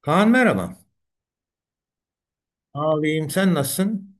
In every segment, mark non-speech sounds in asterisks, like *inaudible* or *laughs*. Kaan merhaba. Ağlayayım sen nasılsın?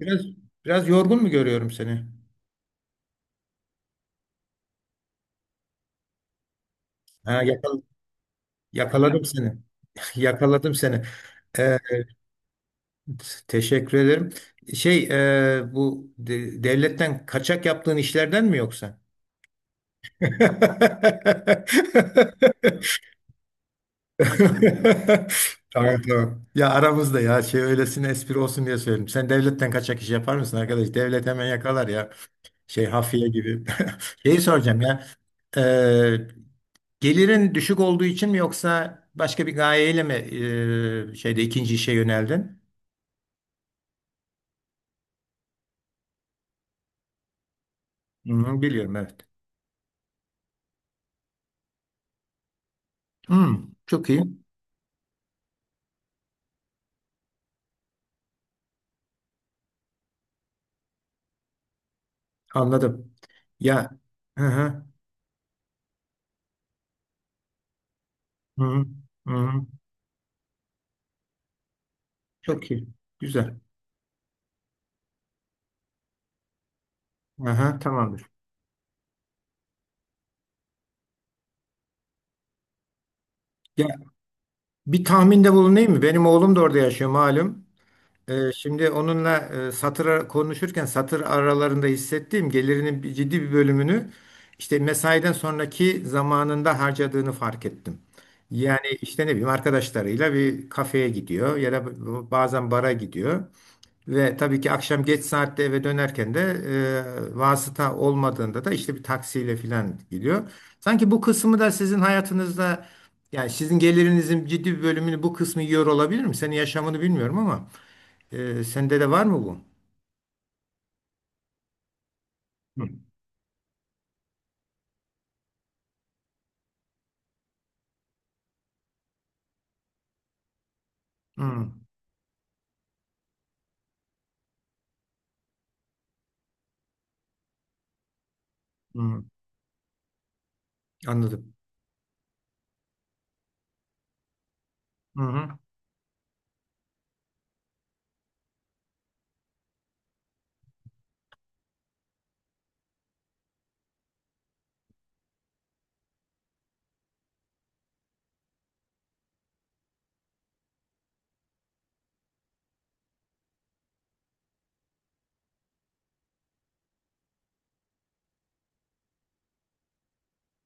Biraz biraz yorgun mu görüyorum seni? Ha, yakaladım seni. *laughs* Yakaladım seni. Ee, teşekkür ederim. Şey bu devletten kaçak yaptığın işlerden mi yoksa? *laughs* Tamam tamam. Ya aramızda ya öylesine espri olsun diye söyledim. Sen devletten kaçak iş yapar mısın arkadaş? Devlet hemen yakalar ya. Hafiye gibi. *laughs* Şeyi soracağım ya. Ee, Gelirin düşük olduğu için mi yoksa başka bir gayeyle mi e, şeyde ikinci işe yöneldin? Hı, biliyorum evet. Hı, çok iyi. Anladım. Ya, hı hı, hı, hı, çok iyi. Güzel. Hı, tamamdır. Ya, bir tahminde bulunayım mı? Benim oğlum da orada yaşıyor malum. Şimdi onunla konuşurken satır aralarında hissettiğim gelirinin ciddi bir bölümünü işte mesaiden sonraki zamanında harcadığını fark ettim. Yani işte ne bileyim arkadaşlarıyla bir kafeye gidiyor ya da bazen bara gidiyor. Ve tabii ki akşam geç saatte eve dönerken de vasıta olmadığında da işte bir taksiyle falan gidiyor. Sanki bu kısmı da sizin hayatınızda yani sizin gelirinizin ciddi bir bölümünü bu kısmı yiyor olabilir mi? Senin yaşamını bilmiyorum ama sende de var mı bu? Hı. Hı. Hı. Anladım. Hı hı.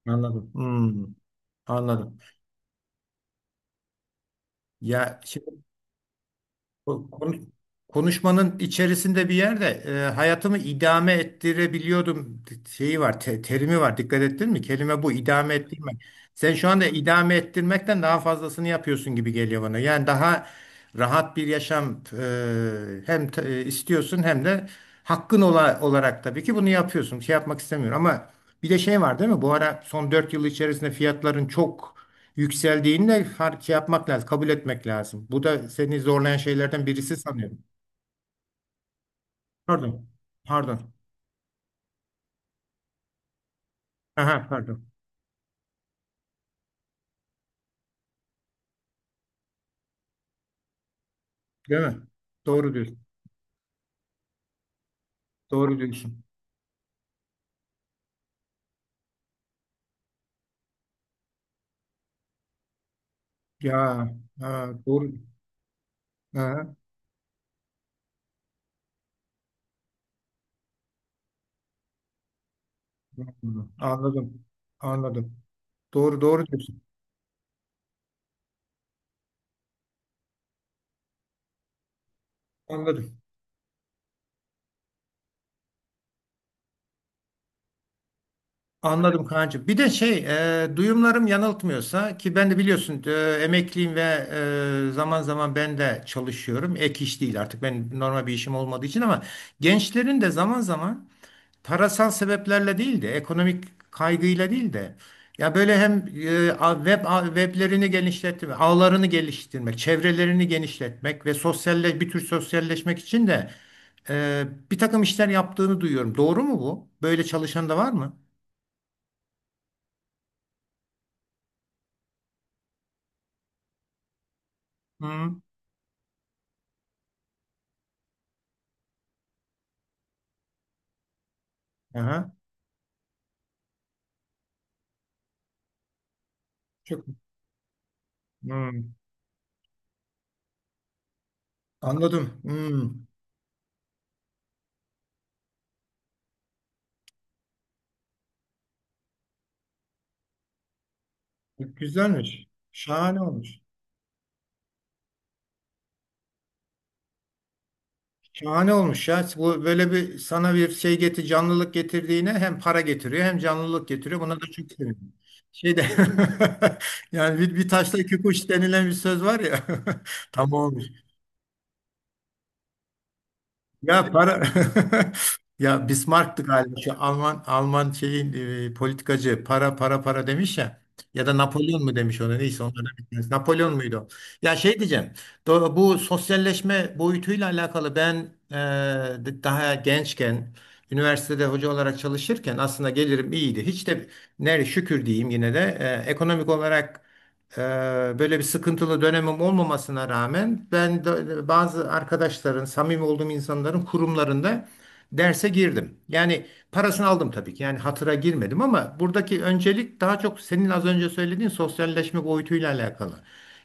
Anladım. Hı. Anladım. Ya, şimdi Bu kon- Konuşmanın içerisinde bir yerde hayatımı idame ettirebiliyordum şeyi var, terimi var. Dikkat ettin mi? Kelime bu, idame ettirmek. Sen şu anda idame ettirmekten daha fazlasını yapıyorsun gibi geliyor bana. Yani daha rahat bir yaşam hem istiyorsun hem de hakkın olarak tabii ki bunu yapıyorsun. Şey yapmak istemiyorum ama bir de şey var değil mi? Bu ara son 4 yıl içerisinde fiyatların çok yükseldiğinde fark şey yapmak lazım, kabul etmek lazım. Bu da seni zorlayan şeylerden birisi sanıyorum. Pardon. Pardon. Aha, pardon. Değil mi? Doğru diyorsun. Doğru diyorsun. Ya, ha, doğru. Aha, doğru. Anladım. Anladım. Doğru, doğru diyorsun. Anladım. Anladım Kaan'cığım. Bir de duyumlarım yanıltmıyorsa ki ben de biliyorsun emekliyim ve zaman zaman ben de çalışıyorum. Ek iş değil artık ben normal bir işim olmadığı için ama gençlerin de zaman zaman parasal sebeplerle değil de ekonomik kaygıyla değil de ya böyle hem weblerini genişletmek, ağlarını geliştirmek, çevrelerini genişletmek ve sosyalle bir tür sosyalleşmek için de e, bir takım işler yaptığını duyuyorum. Doğru mu bu? Böyle çalışan da var mı? Hı. Aha. Çok. Hmm. Anladım. Hmm. Güzelmiş. Şahane olmuş. Şahane olmuş ya. Bu böyle bir sana bir şey getir, canlılık getirdiğine hem para getiriyor hem canlılık getiriyor. Buna da çok sevindim. Şeyde *laughs* yani bir taşla iki kuş denilen bir söz var ya. *laughs* Tam olmuş. Ya, para *laughs* ya Bismarck'tı galiba şu Alman şeyin politikacı para para para demiş ya, ya da Napolyon mu demiş ona, neyse onlardan bir tanesi. Napolyon muydu o? Ya, şey diyeceğim bu sosyalleşme boyutuyla alakalı ben e, daha gençken üniversitede hoca olarak çalışırken aslında gelirim iyiydi. Hiç de nere şükür diyeyim yine de ekonomik olarak ee, böyle bir sıkıntılı dönemim olmamasına rağmen ben bazı arkadaşların, samimi olduğum insanların kurumlarında derse girdim. Yani parasını aldım tabii ki. Yani hatıra girmedim ama buradaki öncelik daha çok senin az önce söylediğin sosyalleşme boyutuyla alakalı.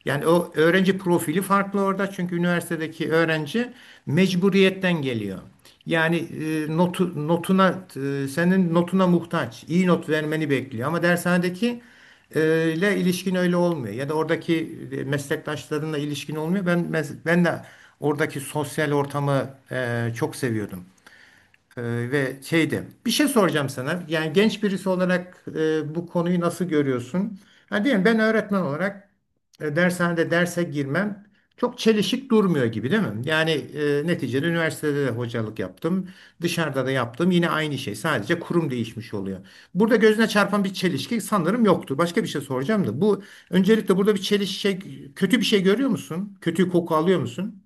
Yani o öğrenci profili farklı orada çünkü üniversitedeki öğrenci mecburiyetten geliyor. Yani senin notuna muhtaç, iyi not vermeni bekliyor ama dershanedeki ile ilişkin öyle olmuyor. Ya da oradaki meslektaşlarınla ilişkin olmuyor. Ben de oradaki sosyal ortamı çok seviyordum. Ee, ve bir şey soracağım sana. Yani genç birisi olarak bu konuyu nasıl görüyorsun? Ha, diyelim ben öğretmen olarak dershanede derse girmem çok çelişik durmuyor gibi değil mi? Yani neticede üniversitede de hocalık yaptım. Dışarıda da yaptım. Yine aynı şey. Sadece kurum değişmiş oluyor. Burada gözüne çarpan bir çelişki sanırım yoktur. Başka bir şey soracağım da. Bu öncelikle burada bir çelişki kötü bir şey görüyor musun? Kötü koku alıyor musun?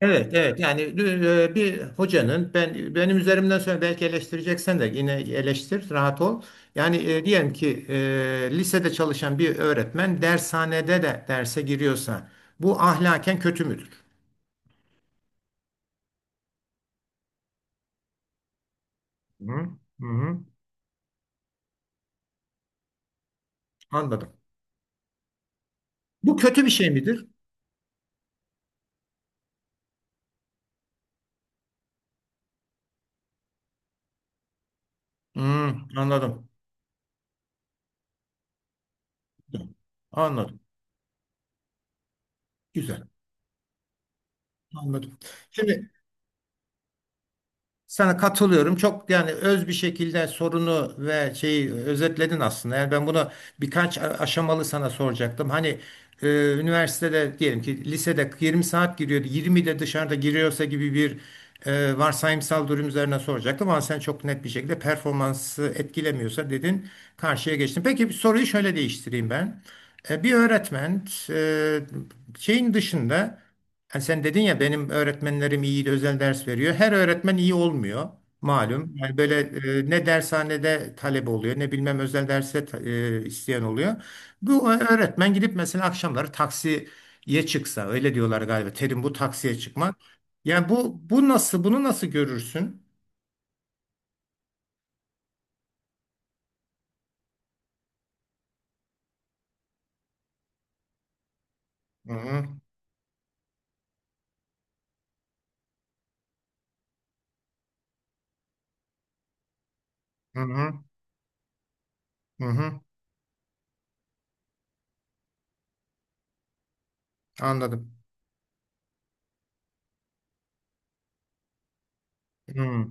Evet, evet. Yani bir hocanın benim üzerimden sonra belki eleştireceksen de yine eleştir, rahat ol. Yani diyelim ki lisede çalışan bir öğretmen dershanede de derse giriyorsa bu ahlaken kötü müdür? Hı, hı, anladım. Bu kötü bir şey midir? Hı, anladım. Anladım. Güzel. Anladım. Şimdi sana katılıyorum. Çok yani öz bir şekilde sorunu ve şeyi özetledin aslında. Yani ben bunu birkaç aşamalı sana soracaktım. Hani e, üniversitede diyelim ki lisede 20 saat giriyordu. 20 de dışarıda giriyorsa gibi bir varsayımsal durum üzerine soracaktım. Ama sen çok net bir şekilde performansı etkilemiyorsa dedin, karşıya geçtin. Peki bir soruyu şöyle değiştireyim ben. Bir öğretmen e, şeyin dışında. Ha, sen dedin ya benim öğretmenlerim iyi özel ders veriyor. Her öğretmen iyi olmuyor malum. Yani böyle ne dershanede talep oluyor ne bilmem özel derse isteyen oluyor. Bu öğretmen gidip mesela akşamları taksiye çıksa, öyle diyorlar galiba. Terim bu, taksiye çıkmak. Yani bu bu nasıl bunu nasıl görürsün? Hı hı, hı hı, hı hı. Anladım. Hı,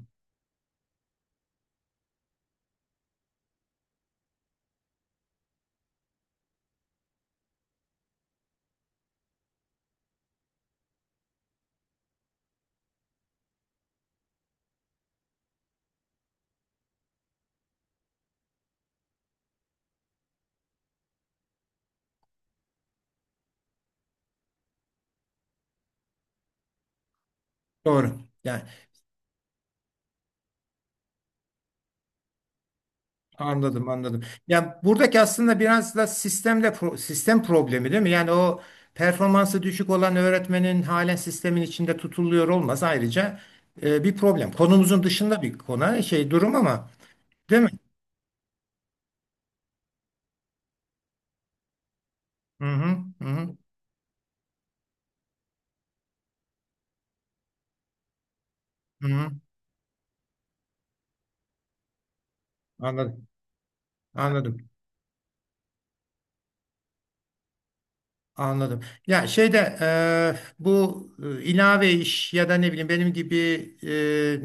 doğru. Yani anladım, anladım. Yani buradaki aslında biraz da sistemle sistem problemi değil mi? Yani o performansı düşük olan öğretmenin halen sistemin içinde tutuluyor olması ayrıca bir problem. Konumuzun dışında bir konu, şey durum ama değil mi? Hı hı, hı hı, hı hı. Anladım, anladım. Anladım. Ya şeyde bu e, ilave iş ya da ne bileyim benim gibi e,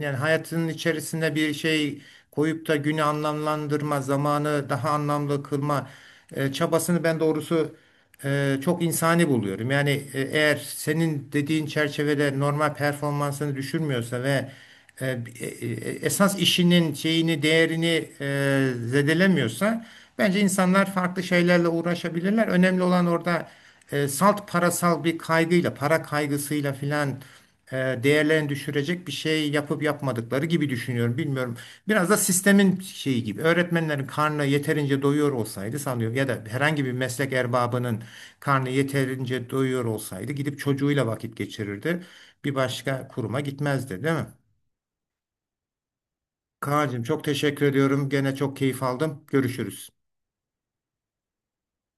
yani hayatının içerisinde bir şey koyup da günü anlamlandırma, zamanı daha anlamlı kılma çabasını ben doğrusu çok insani buluyorum. Yani eğer senin dediğin çerçevede normal performansını düşürmüyorsa ve e, esas işinin değerini zedelemiyorsa bence insanlar farklı şeylerle uğraşabilirler. Önemli olan orada salt parasal bir kaygıyla, para kaygısıyla filan değerlerini düşürecek bir şey yapıp yapmadıkları gibi düşünüyorum. Bilmiyorum. Biraz da sistemin şeyi gibi. Öğretmenlerin karnı yeterince doyuyor olsaydı sanıyorum ya da herhangi bir meslek erbabının karnı yeterince doyuyor olsaydı gidip çocuğuyla vakit geçirirdi. Bir başka kuruma gitmezdi, değil mi? Kaan'cığım çok teşekkür ediyorum. Gene çok keyif aldım. Görüşürüz.